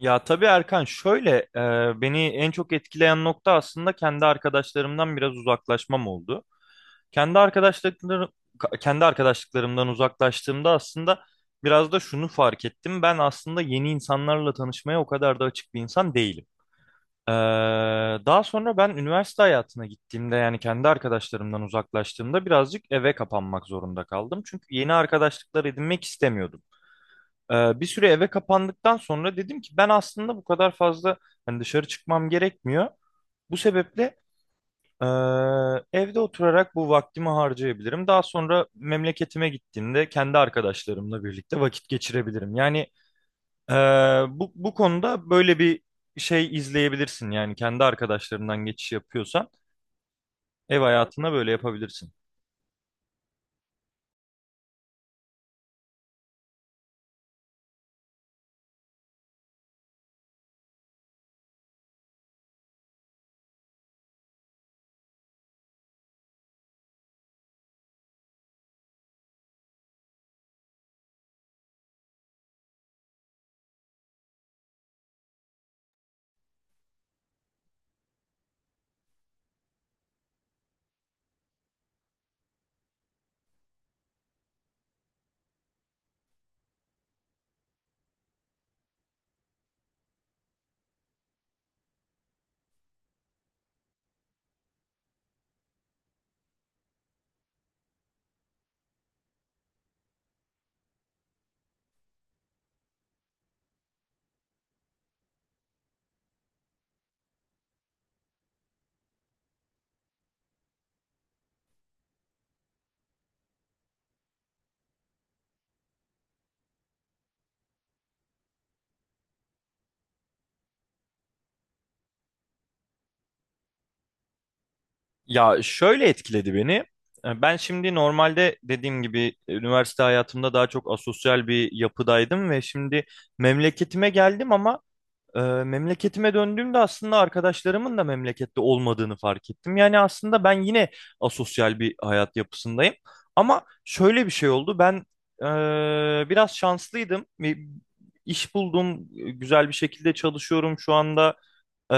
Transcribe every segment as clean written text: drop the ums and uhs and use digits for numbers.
Ya tabii Erkan şöyle beni en çok etkileyen nokta aslında kendi arkadaşlarımdan biraz uzaklaşmam oldu. Kendi arkadaşlıklarım Kendi arkadaşlıklarımdan uzaklaştığımda aslında biraz da şunu fark ettim. Ben aslında yeni insanlarla tanışmaya o kadar da açık bir insan değilim. Ee, Daha sonra ben üniversite hayatına gittiğimde yani kendi arkadaşlarımdan uzaklaştığımda birazcık eve kapanmak zorunda kaldım. Çünkü yeni arkadaşlıklar edinmek istemiyordum. Bir süre eve kapandıktan sonra dedim ki ben aslında bu kadar fazla hani dışarı çıkmam gerekmiyor. Bu sebeple ee, evde oturarak bu vaktimi harcayabilirim. Daha sonra memleketime gittiğimde kendi arkadaşlarımla birlikte vakit geçirebilirim. Yani ee, bu konuda böyle bir şey izleyebilirsin. Yani kendi arkadaşlarından geçiş yapıyorsan ev hayatına böyle yapabilirsin. Ya şöyle etkiledi beni. Ben şimdi normalde dediğim gibi üniversite hayatımda daha çok asosyal bir yapıdaydım ve şimdi memleketime geldim ama memleketime döndüğümde aslında arkadaşlarımın da memlekette olmadığını fark ettim. Yani aslında ben yine asosyal bir hayat yapısındayım. Ama şöyle bir şey oldu. Ben biraz şanslıydım. Bir iş buldum. Güzel bir şekilde çalışıyorum şu anda. Ee,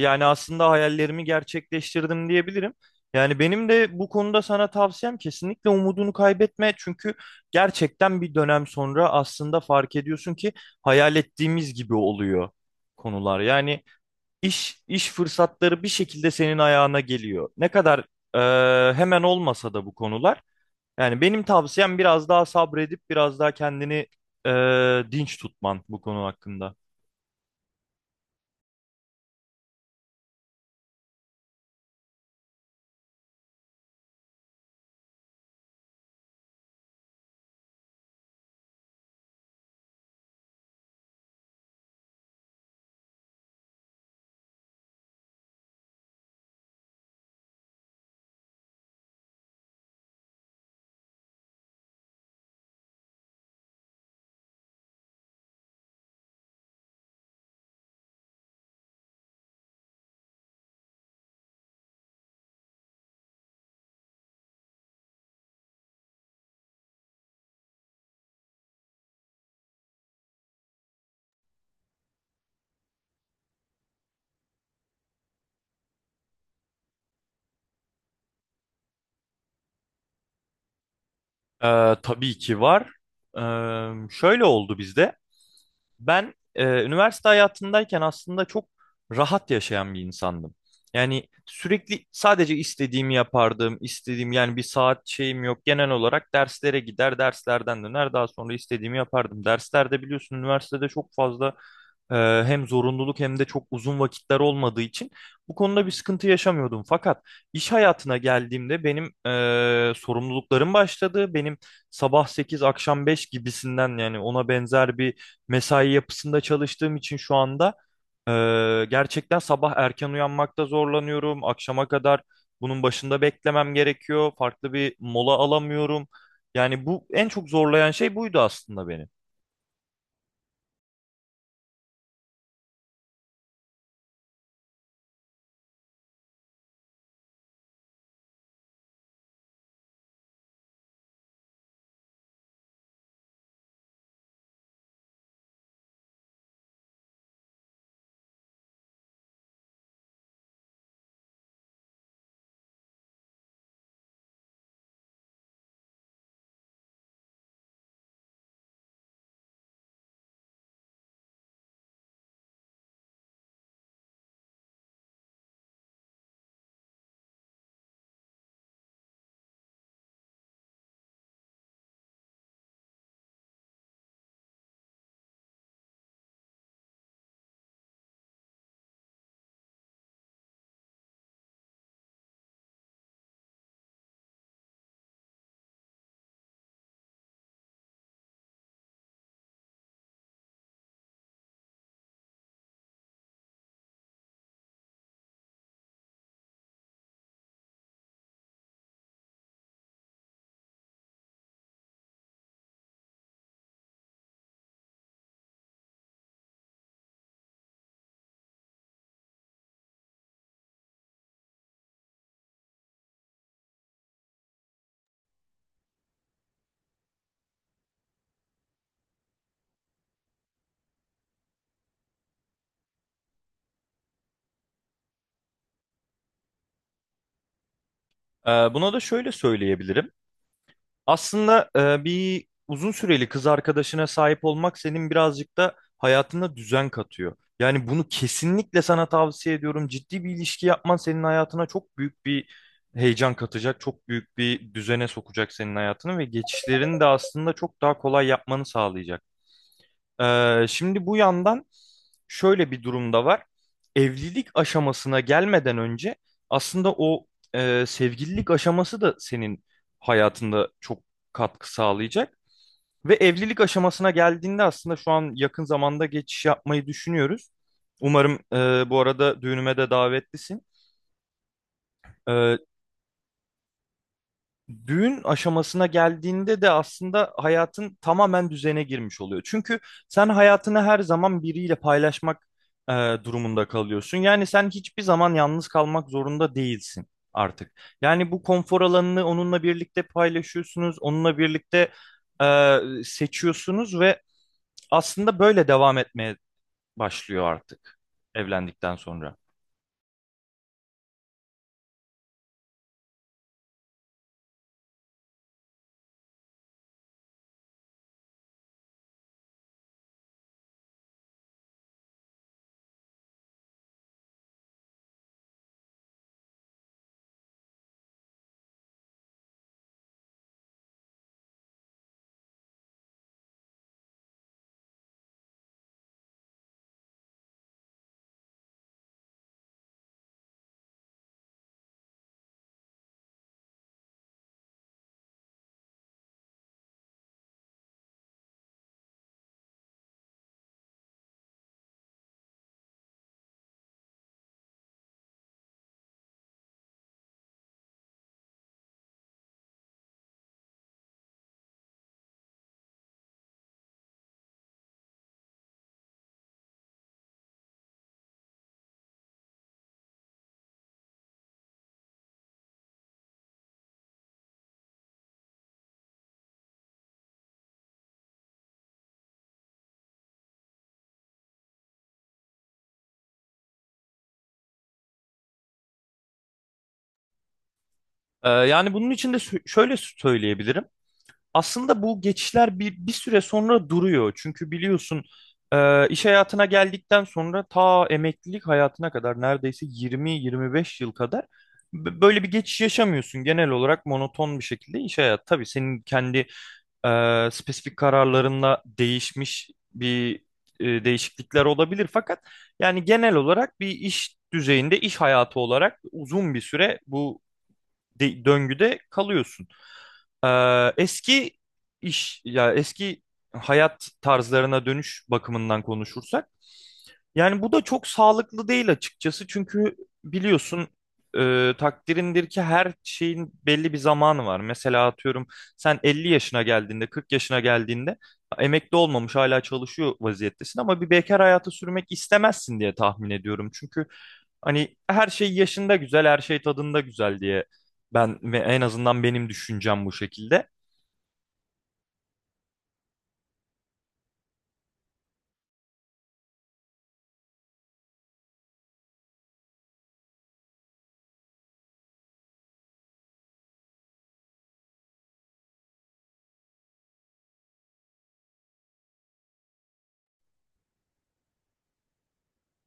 Yani aslında hayallerimi gerçekleştirdim diyebilirim. Yani benim de bu konuda sana tavsiyem kesinlikle umudunu kaybetme. Çünkü gerçekten bir dönem sonra aslında fark ediyorsun ki hayal ettiğimiz gibi oluyor konular. Yani iş fırsatları bir şekilde senin ayağına geliyor. Ne kadar hemen olmasa da bu konular. Yani benim tavsiyem biraz daha sabredip biraz daha kendini dinç tutman bu konu hakkında. Tabii ki var. Şöyle oldu bizde. Ben üniversite hayatındayken aslında çok rahat yaşayan bir insandım. Yani sürekli sadece istediğimi yapardım, istediğim yani bir saat şeyim yok. Genel olarak derslere gider, derslerden döner, daha sonra istediğimi yapardım. Derslerde biliyorsun üniversitede çok fazla ee, hem zorunluluk hem de çok uzun vakitler olmadığı için bu konuda bir sıkıntı yaşamıyordum. Fakat iş hayatına geldiğimde benim sorumluluklarım başladı. Benim sabah 8 akşam 5 gibisinden yani ona benzer bir mesai yapısında çalıştığım için şu anda gerçekten sabah erken uyanmakta zorlanıyorum. Akşama kadar bunun başında beklemem gerekiyor. Farklı bir mola alamıyorum. Yani bu en çok zorlayan şey buydu aslında beni. Buna da şöyle söyleyebilirim. Aslında bir uzun süreli kız arkadaşına sahip olmak senin birazcık da hayatına düzen katıyor. Yani bunu kesinlikle sana tavsiye ediyorum. Ciddi bir ilişki yapman senin hayatına çok büyük bir heyecan katacak, çok büyük bir düzene sokacak senin hayatını ve geçişlerini de aslında çok daha kolay yapmanı sağlayacak. Şimdi bu yandan şöyle bir durum da var. Evlilik aşamasına gelmeden önce aslında o sevgililik aşaması da senin hayatında çok katkı sağlayacak. Ve evlilik aşamasına geldiğinde aslında şu an yakın zamanda geçiş yapmayı düşünüyoruz. Umarım bu arada düğünüme de davetlisin. E, Düğün aşamasına geldiğinde de aslında hayatın tamamen düzene girmiş oluyor. Çünkü sen hayatını her zaman biriyle paylaşmak e, durumunda kalıyorsun. Yani sen hiçbir zaman yalnız kalmak zorunda değilsin artık. Yani bu konfor alanını onunla birlikte paylaşıyorsunuz, onunla birlikte e, seçiyorsunuz ve aslında böyle devam etmeye başlıyor artık evlendikten sonra. Yani bunun için de şöyle söyleyebilirim. Aslında bu geçişler bir süre sonra duruyor. Çünkü biliyorsun iş hayatına geldikten sonra ta emeklilik hayatına kadar neredeyse 20-25 yıl kadar böyle bir geçiş yaşamıyorsun. Genel olarak monoton bir şekilde iş hayatı. Tabii senin kendi spesifik kararlarınla değişmiş bir değişiklikler olabilir. Fakat yani genel olarak bir iş düzeyinde, iş hayatı olarak uzun bir süre bu döngüde kalıyorsun. Eski iş ya eski hayat tarzlarına dönüş bakımından konuşursak yani bu da çok sağlıklı değil açıkçası çünkü biliyorsun takdirindir ki her şeyin belli bir zamanı var. Mesela atıyorum sen 50 yaşına geldiğinde 40 yaşına geldiğinde emekli olmamış hala çalışıyor vaziyettesin ama bir bekar hayatı sürmek istemezsin diye tahmin ediyorum. Çünkü hani her şey yaşında güzel her şey tadında güzel diye ben ve en azından benim düşüncem bu şekilde.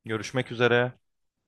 Görüşmek üzere.